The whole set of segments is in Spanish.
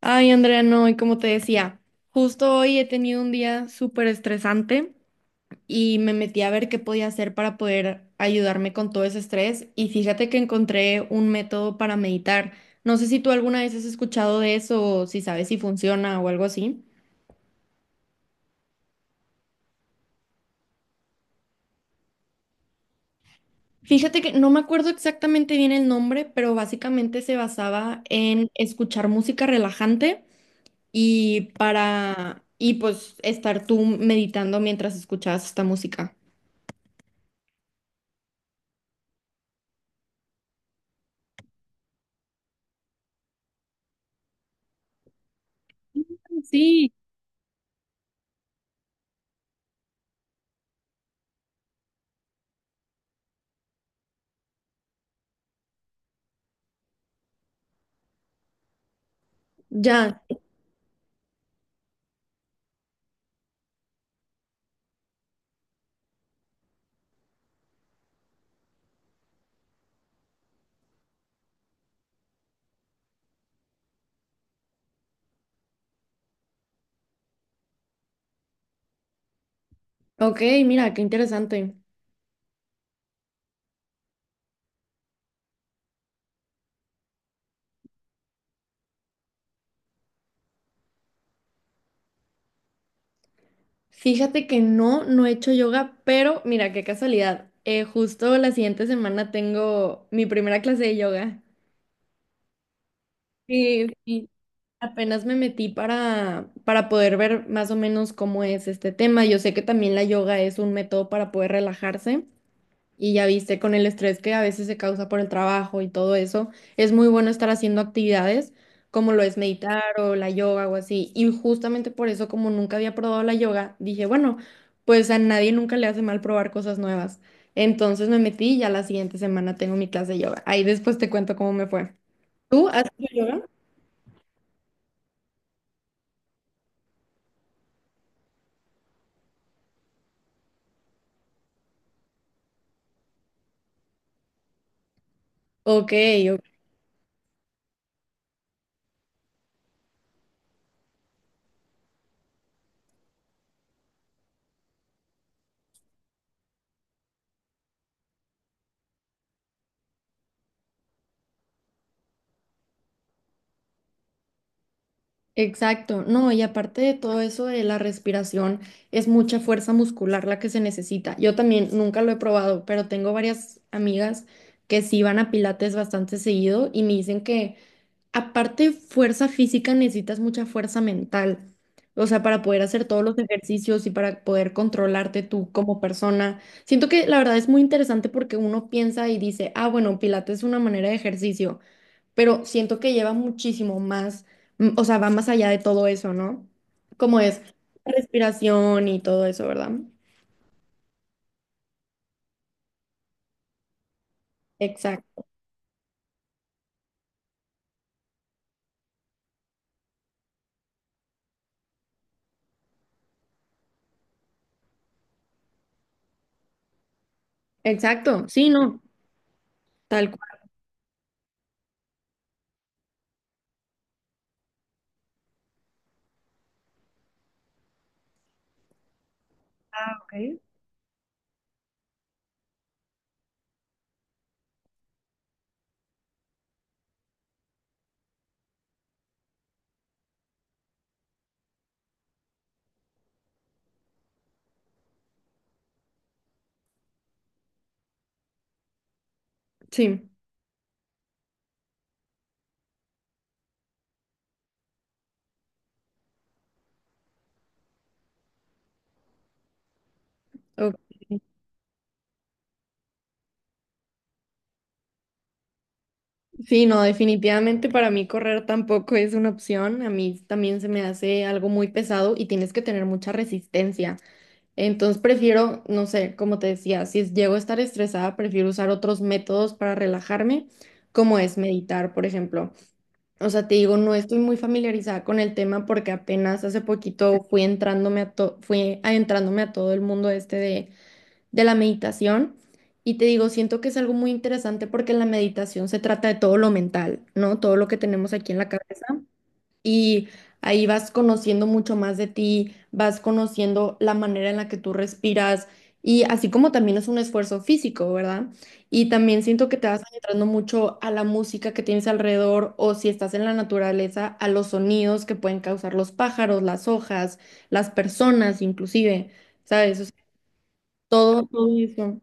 Ay, Andrea, no, y como te decía, justo hoy he tenido un día súper estresante y me metí a ver qué podía hacer para poder ayudarme con todo ese estrés y fíjate que encontré un método para meditar. No sé si tú alguna vez has escuchado de eso o si sabes si funciona o algo así. Fíjate que no me acuerdo exactamente bien el nombre, pero básicamente se basaba en escuchar música relajante y pues estar tú meditando mientras escuchabas esta música. Sí. Ya. Ok, mira, qué interesante. Fíjate que no, no he hecho yoga, pero mira, qué casualidad. Justo la siguiente semana tengo mi primera clase de yoga. Sí, sí. Apenas me metí para poder ver más o menos cómo es este tema. Yo sé que también la yoga es un método para poder relajarse. Y ya viste, con el estrés que a veces se causa por el trabajo y todo eso, es muy bueno estar haciendo actividades como lo es meditar o la yoga o así. Y justamente por eso, como nunca había probado la yoga, dije, bueno, pues a nadie nunca le hace mal probar cosas nuevas. Entonces me metí y ya la siguiente semana tengo mi clase de yoga. Ahí después te cuento cómo me fue. ¿Tú haces yoga? Ok. Exacto, no, y aparte de todo eso de la respiración, es mucha fuerza muscular la que se necesita. Yo también nunca lo he probado, pero tengo varias amigas que sí van a pilates bastante seguido y me dicen que aparte de fuerza física necesitas mucha fuerza mental, o sea, para poder hacer todos los ejercicios y para poder controlarte tú como persona. Siento que la verdad es muy interesante porque uno piensa y dice, ah, bueno, pilates es una manera de ejercicio, pero siento que lleva muchísimo más, o sea, va más allá de todo eso, ¿no? Como es respiración y todo eso, ¿verdad? Exacto, exacto, sí, no, tal cual, sí. Ok. Sí, no, definitivamente para mí correr tampoco es una opción. A mí también se me hace algo muy pesado y tienes que tener mucha resistencia. Entonces prefiero, no sé, como te decía, si llego a estar estresada, prefiero usar otros métodos para relajarme, como es meditar, por ejemplo. O sea, te digo, no estoy muy familiarizada con el tema porque apenas hace poquito fui adentrándome a todo el mundo este de la meditación. Y te digo, siento que es algo muy interesante porque la meditación se trata de todo lo mental, ¿no? Todo lo que tenemos aquí en la cabeza y ahí vas conociendo mucho más de ti, vas conociendo la manera en la que tú respiras y así como también es un esfuerzo físico, ¿verdad? Y también siento que te vas entrando mucho a la música que tienes alrededor o si estás en la naturaleza, a los sonidos que pueden causar los pájaros, las hojas, las personas inclusive, ¿sabes? O sea, todo eso.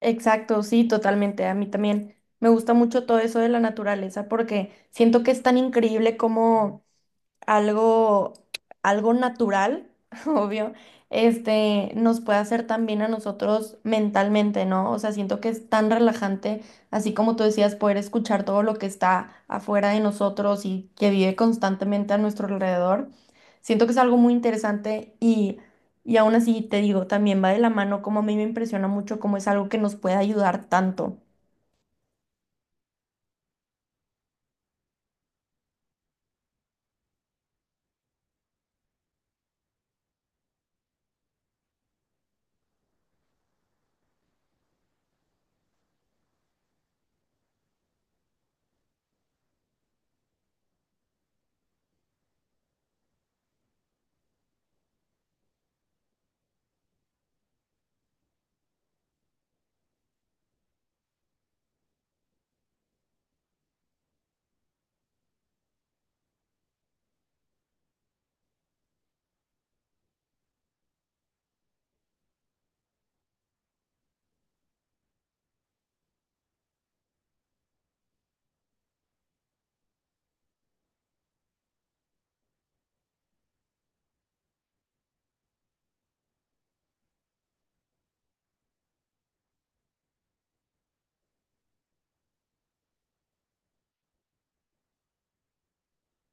Exacto, sí, totalmente. A mí también me gusta mucho todo eso de la naturaleza porque siento que es tan increíble como algo, algo natural, obvio, este, nos puede hacer también a nosotros mentalmente, ¿no? O sea, siento que es tan relajante, así como tú decías, poder escuchar todo lo que está afuera de nosotros y que vive constantemente a nuestro alrededor. Siento que es algo muy interesante y aún así te digo, también va de la mano, como a mí me impresiona mucho, cómo es algo que nos puede ayudar tanto.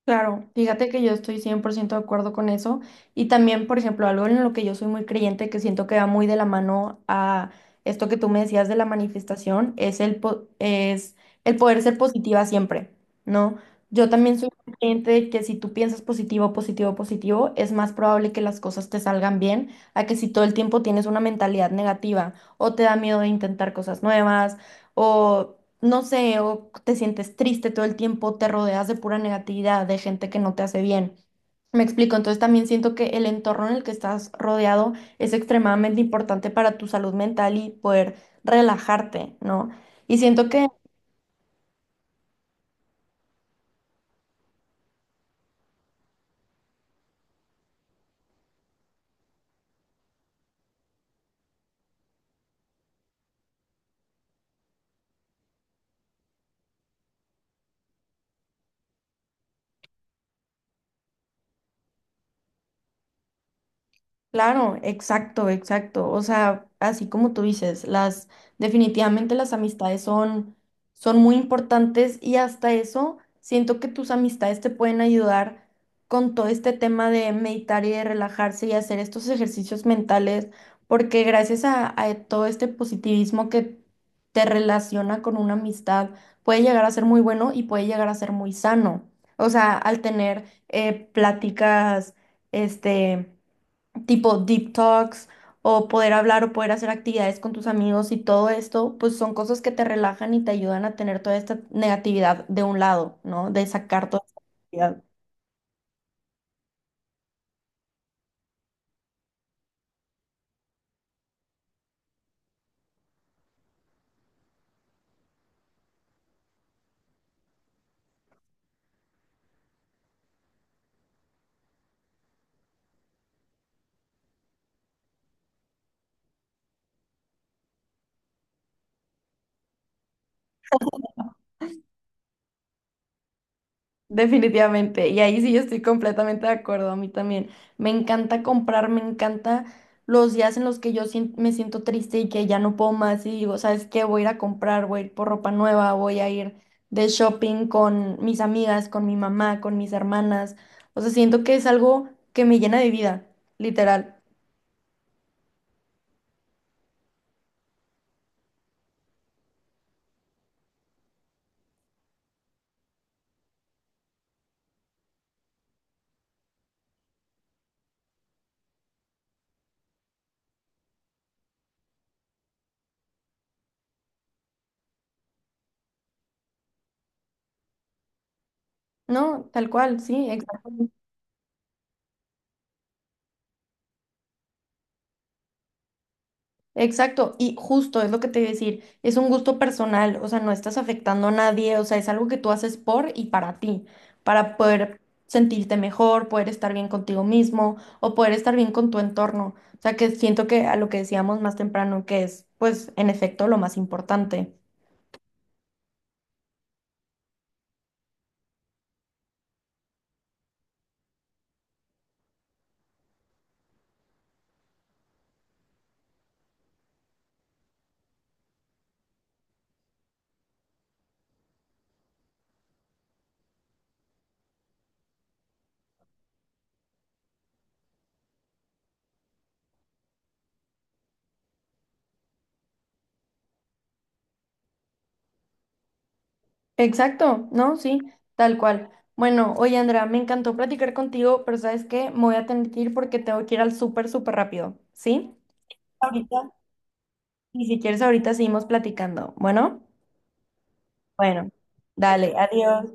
Claro, fíjate que yo estoy 100% de acuerdo con eso. Y también, por ejemplo, algo en lo que yo soy muy creyente, que siento que va muy de la mano a esto que tú me decías de la manifestación, es el poder ser positiva siempre, ¿no? Yo también soy muy creyente de que si tú piensas positivo, positivo, positivo, es más probable que las cosas te salgan bien a que si todo el tiempo tienes una mentalidad negativa o te da miedo de intentar cosas nuevas o no sé, o te sientes triste todo el tiempo, te rodeas de pura negatividad, de gente que no te hace bien. Me explico, entonces también siento que el entorno en el que estás rodeado es extremadamente importante para tu salud mental y poder relajarte, ¿no? Y siento que claro, exacto, exacto. O sea, así como tú dices, las definitivamente las amistades son muy importantes y hasta eso siento que tus amistades te pueden ayudar con todo este tema de meditar y de relajarse y hacer estos ejercicios mentales, porque gracias a todo este positivismo que te relaciona con una amistad, puede llegar a ser muy bueno y puede llegar a ser muy sano. O sea, al tener pláticas, este tipo deep talks o poder hablar o poder hacer actividades con tus amigos y todo esto, pues son cosas que te relajan y te ayudan a tener toda esta negatividad de un lado, ¿no? De sacar toda esta negatividad. Definitivamente, y ahí sí yo estoy completamente de acuerdo, a mí también. Me encanta comprar, me encanta los días en los que me siento triste y que ya no puedo más y digo, ¿sabes qué? Voy a ir a comprar, voy a ir por ropa nueva, voy a ir de shopping con mis amigas, con mi mamá, con mis hermanas. O sea, siento que es algo que me llena de vida, literal. No, tal cual, sí, exacto. Exacto, y justo es lo que te iba a decir, es un gusto personal, o sea, no estás afectando a nadie, o sea, es algo que tú haces por y para ti, para poder sentirte mejor, poder estar bien contigo mismo o poder estar bien con tu entorno. O sea, que siento que a lo que decíamos más temprano, que es, pues, en efecto, lo más importante. Exacto, ¿no? Sí, tal cual. Bueno, oye, Andrea, me encantó platicar contigo, pero ¿sabes qué? Me voy a tener que ir porque tengo que ir al súper, súper rápido, ¿sí? Ahorita. Y si quieres, ahorita seguimos platicando. Bueno, bueno, dale, adiós.